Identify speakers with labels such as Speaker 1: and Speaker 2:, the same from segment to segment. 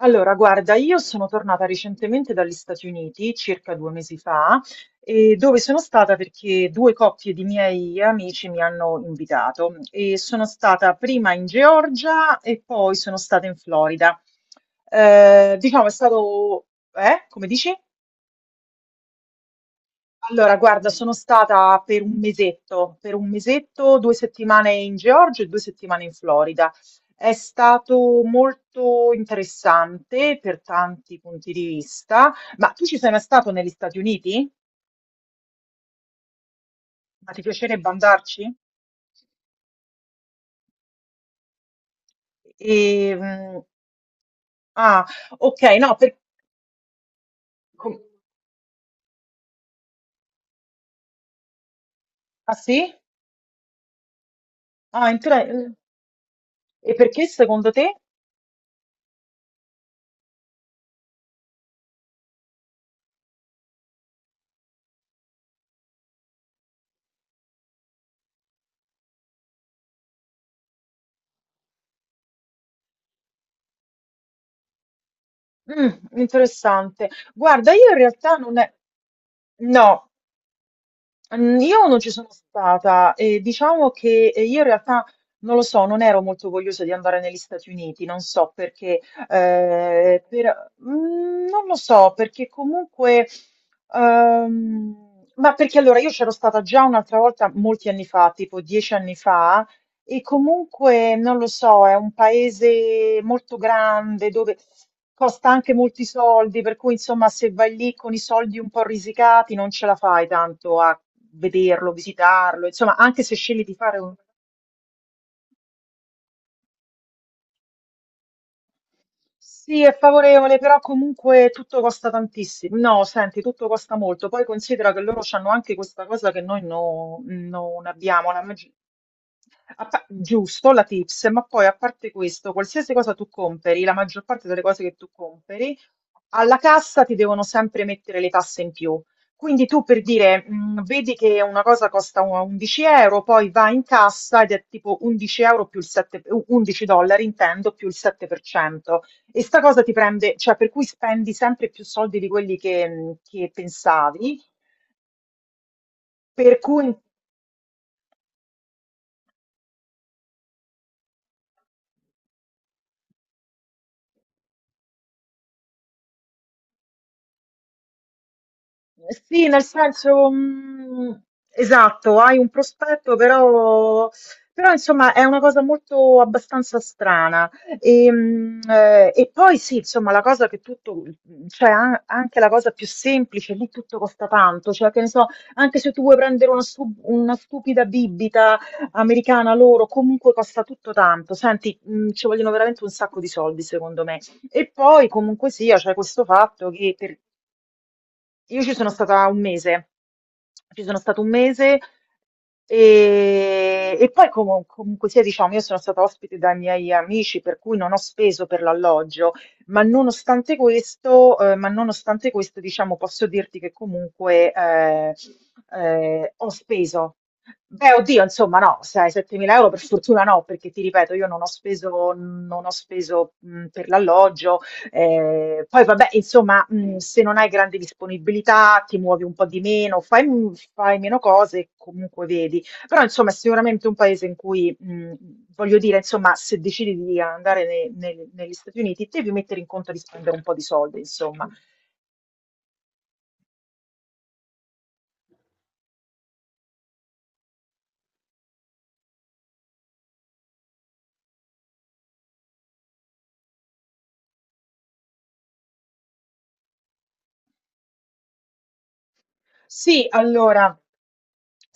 Speaker 1: Allora, guarda, io sono tornata recentemente dagli Stati Uniti, circa 2 mesi fa, e dove sono stata perché due coppie di miei amici mi hanno invitato e sono stata prima in Georgia e poi sono stata in Florida. Diciamo, è stato. Eh? Come dici? Allora, guarda, sono stata per un mesetto, 2 settimane in Georgia e 2 settimane in Florida. È stato molto interessante per tanti punti di vista, ma tu ci sei mai stato negli Stati Uniti? Ma ti piacerebbe andarci? E, mm, ah, ok, no, com- ah sì? Ah, e perché secondo te? Mm, interessante. Guarda, io in realtà non è. No. Io non ci sono stata e diciamo che io in realtà non lo so, non ero molto vogliosa di andare negli Stati Uniti, non so perché, non lo so perché comunque, ehm, ma perché allora io c'ero stata già un'altra volta molti anni fa, tipo 10 anni fa, e comunque, non lo so, è un paese molto grande dove costa anche molti soldi, per cui insomma se vai lì con i soldi un po' risicati non ce la fai tanto a vederlo, visitarlo, insomma anche se scegli di fare un. Sì, è favorevole, però comunque tutto costa tantissimo. No, senti, tutto costa molto. Poi considera che loro hanno anche questa cosa che noi non abbiamo. La maggi-. Giusto, la tips, ma poi a parte questo, qualsiasi cosa tu compri, la maggior parte delle cose che tu compri, alla cassa ti devono sempre mettere le tasse in più. Quindi tu per dire, vedi che una cosa costa 11 euro, poi va in cassa ed è tipo 11 euro più il 7, 11 dollari intendo, più il 7%. E sta cosa ti prende, cioè per cui spendi sempre più soldi di quelli che pensavi. Per cui. Sì, nel senso, esatto, hai un prospetto, però, insomma è una cosa molto abbastanza strana. E poi sì, insomma, la cosa che tutto, cioè anche la cosa più semplice, lì tutto costa tanto, cioè che ne so, anche se tu vuoi prendere una stupida bibita americana loro, comunque costa tutto tanto. Senti, ci vogliono veramente un sacco di soldi, secondo me. E poi comunque sia, c'è questo fatto che per io ci sono stata un mese, ci sono stato un mese e poi comunque sia, diciamo, io sono stata ospite dai miei amici, per cui non ho speso per l'alloggio, ma nonostante questo, diciamo, posso dirti che comunque ho speso. Beh, oddio, insomma, no, sai, 7.000 euro per fortuna no, perché ti ripeto, io non ho speso per l'alloggio, poi vabbè, insomma, se non hai grande disponibilità, ti muovi un po' di meno, fai meno cose, comunque vedi. Però insomma è sicuramente un paese in cui, voglio dire, insomma, se decidi di andare ne nel negli Stati Uniti, devi mettere in conto di spendere un po' di soldi, insomma. Sì, allora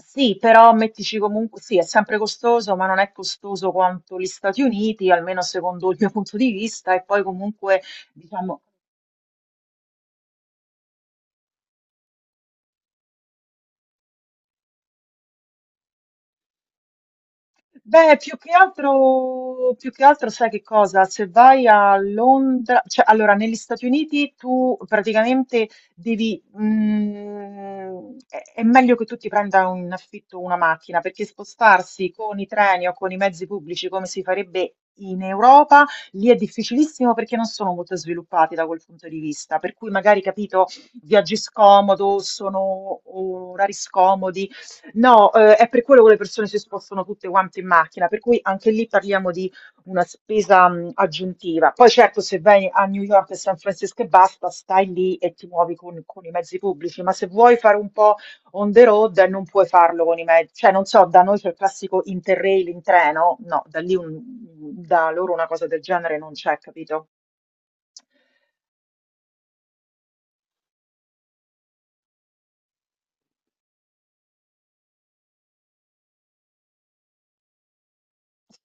Speaker 1: sì, però mettici comunque sì, è sempre costoso, ma non è costoso quanto gli Stati Uniti, almeno secondo il mio punto di vista, e poi comunque diciamo. Beh, più che altro sai che cosa? Se vai a Londra, cioè allora negli Stati Uniti tu praticamente è meglio che tu ti prenda in affitto una macchina perché spostarsi con i treni o con i mezzi pubblici come si farebbe in Europa, lì è difficilissimo perché non sono molto sviluppati da quel punto di vista, per cui magari capito, viaggi scomodo, sono orari scomodi. No, è per quello che le persone si spostano tutte quante in macchina, per cui anche lì parliamo di una spesa aggiuntiva. Poi certo, se vai a New York e San Francisco e basta, stai lì e ti muovi con i mezzi pubblici, ma se vuoi fare un po' on the road non puoi farlo con i mezzi. Cioè, non so, da noi c'è il classico interrail in treno, no, da loro una cosa del genere non c'è, capito?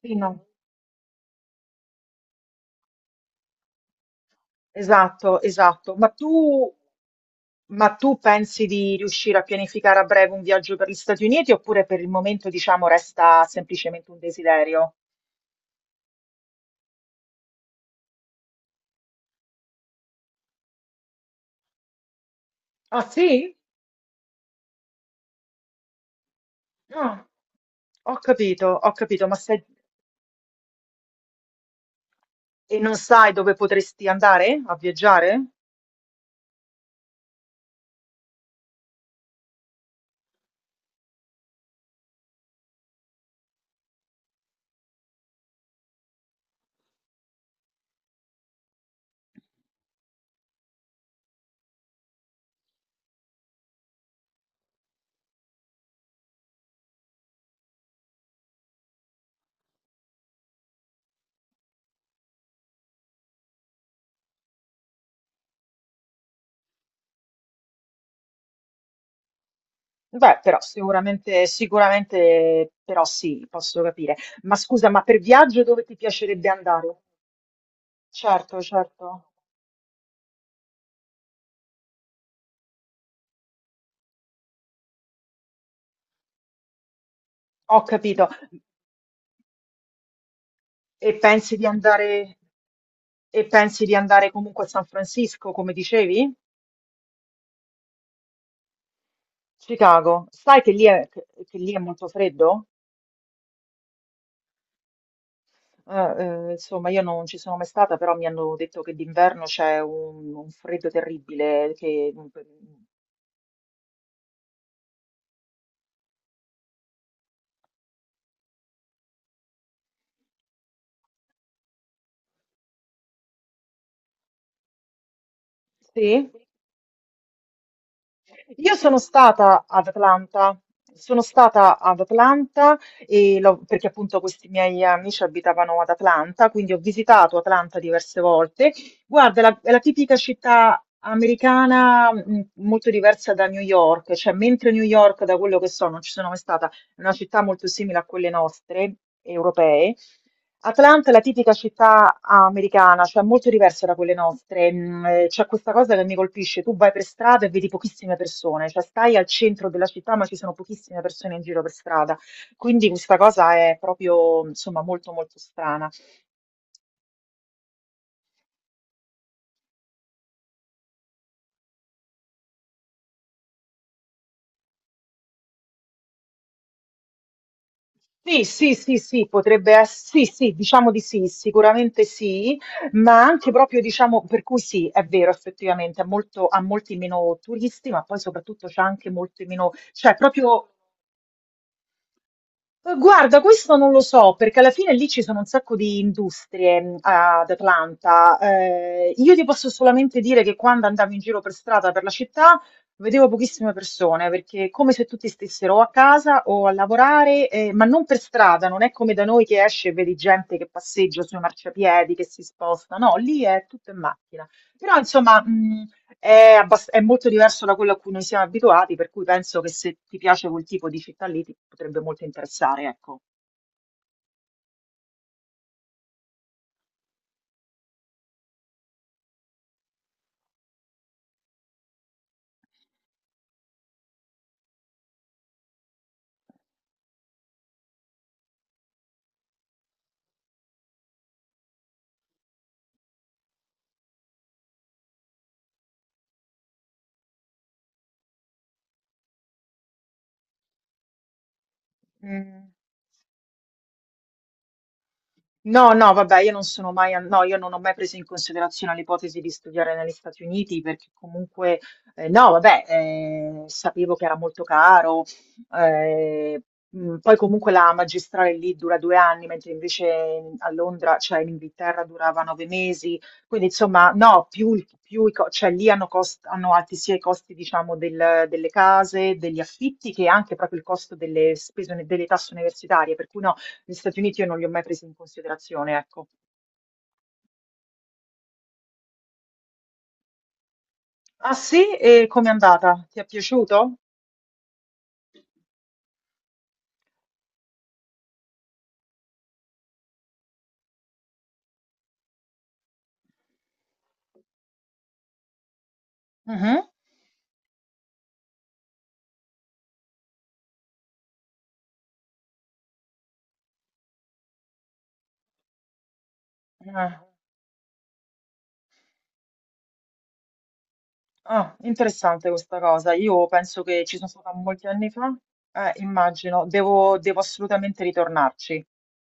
Speaker 1: Sì, no. Esatto, esatto. Ma tu pensi di riuscire a pianificare a breve un viaggio per gli Stati Uniti oppure per il momento, diciamo, resta semplicemente un desiderio? Ah, sì? Ah, ho capito, ma se. E non sai dove potresti andare a viaggiare? Beh, però sicuramente, sicuramente, però sì, posso capire. Ma scusa, ma per viaggio dove ti piacerebbe andare? Certo, certo, ho capito. E pensi di andare, e pensi di andare comunque a San Francisco, come dicevi? Chicago. Sai che lì è molto freddo? Eh, insomma, io non ci sono mai stata, però mi hanno detto che d'inverno c'è un freddo terribile. Che. Sì? Io sono stata ad Atlanta, sono stata ad Atlanta e l'ho-. Perché appunto questi miei amici abitavano ad Atlanta, quindi ho visitato Atlanta diverse volte. Guarda, è la tipica città americana molto diversa da New York, cioè mentre New York, da quello che so, non ci sono mai stata, è una città molto simile a quelle nostre, europee. Atlanta è la tipica città americana, cioè molto diversa da quelle nostre. C'è questa cosa che mi colpisce, tu vai per strada e vedi pochissime persone, cioè stai al centro della città ma ci sono pochissime persone in giro per strada, quindi questa cosa è proprio insomma molto molto strana. Sì, sì, sì, sì, potrebbe ess sì, sì, diciamo di sì, sicuramente sì, ma anche proprio diciamo per cui sì, è vero effettivamente, ha molti meno turisti, ma poi soprattutto c'ha anche molti meno cioè proprio. Guarda, questo non lo so, perché alla fine lì ci sono un sacco di industrie ad Atlanta. Io ti posso solamente dire che quando andavo in giro per strada per la città vedevo pochissime persone, perché è come se tutti stessero o a casa o a lavorare, ma non per strada, non è come da noi che esce e vedi gente che passeggia sui marciapiedi, che si sposta, no, lì è tutto in macchina. Però insomma, è molto diverso da quello a cui noi siamo abituati, per cui penso che se ti piace quel tipo di città lì ti potrebbe molto interessare, ecco. Mm. No, no, vabbè, io non sono mai, an- no, io non ho mai preso in considerazione l'ipotesi di studiare negli Stati Uniti perché comunque, no, vabbè, sapevo che era molto caro, eh, poi comunque la magistrale lì dura 2 anni, mentre invece a Londra, cioè in Inghilterra durava 9 mesi, quindi insomma, no, più, il- più i co- cioè lì hanno, hanno alti sia i costi, diciamo, delle case, degli affitti, che anche proprio il costo delle spese, delle tasse universitarie, per cui no. Gli Stati Uniti io non li ho mai presi in considerazione, ecco. Ah sì? E com'è andata? Ti è piaciuto? Mhm. Ah, ah, interessante questa cosa. Io penso che ci sono stata molti anni fa. Immagino, devo assolutamente ritornarci.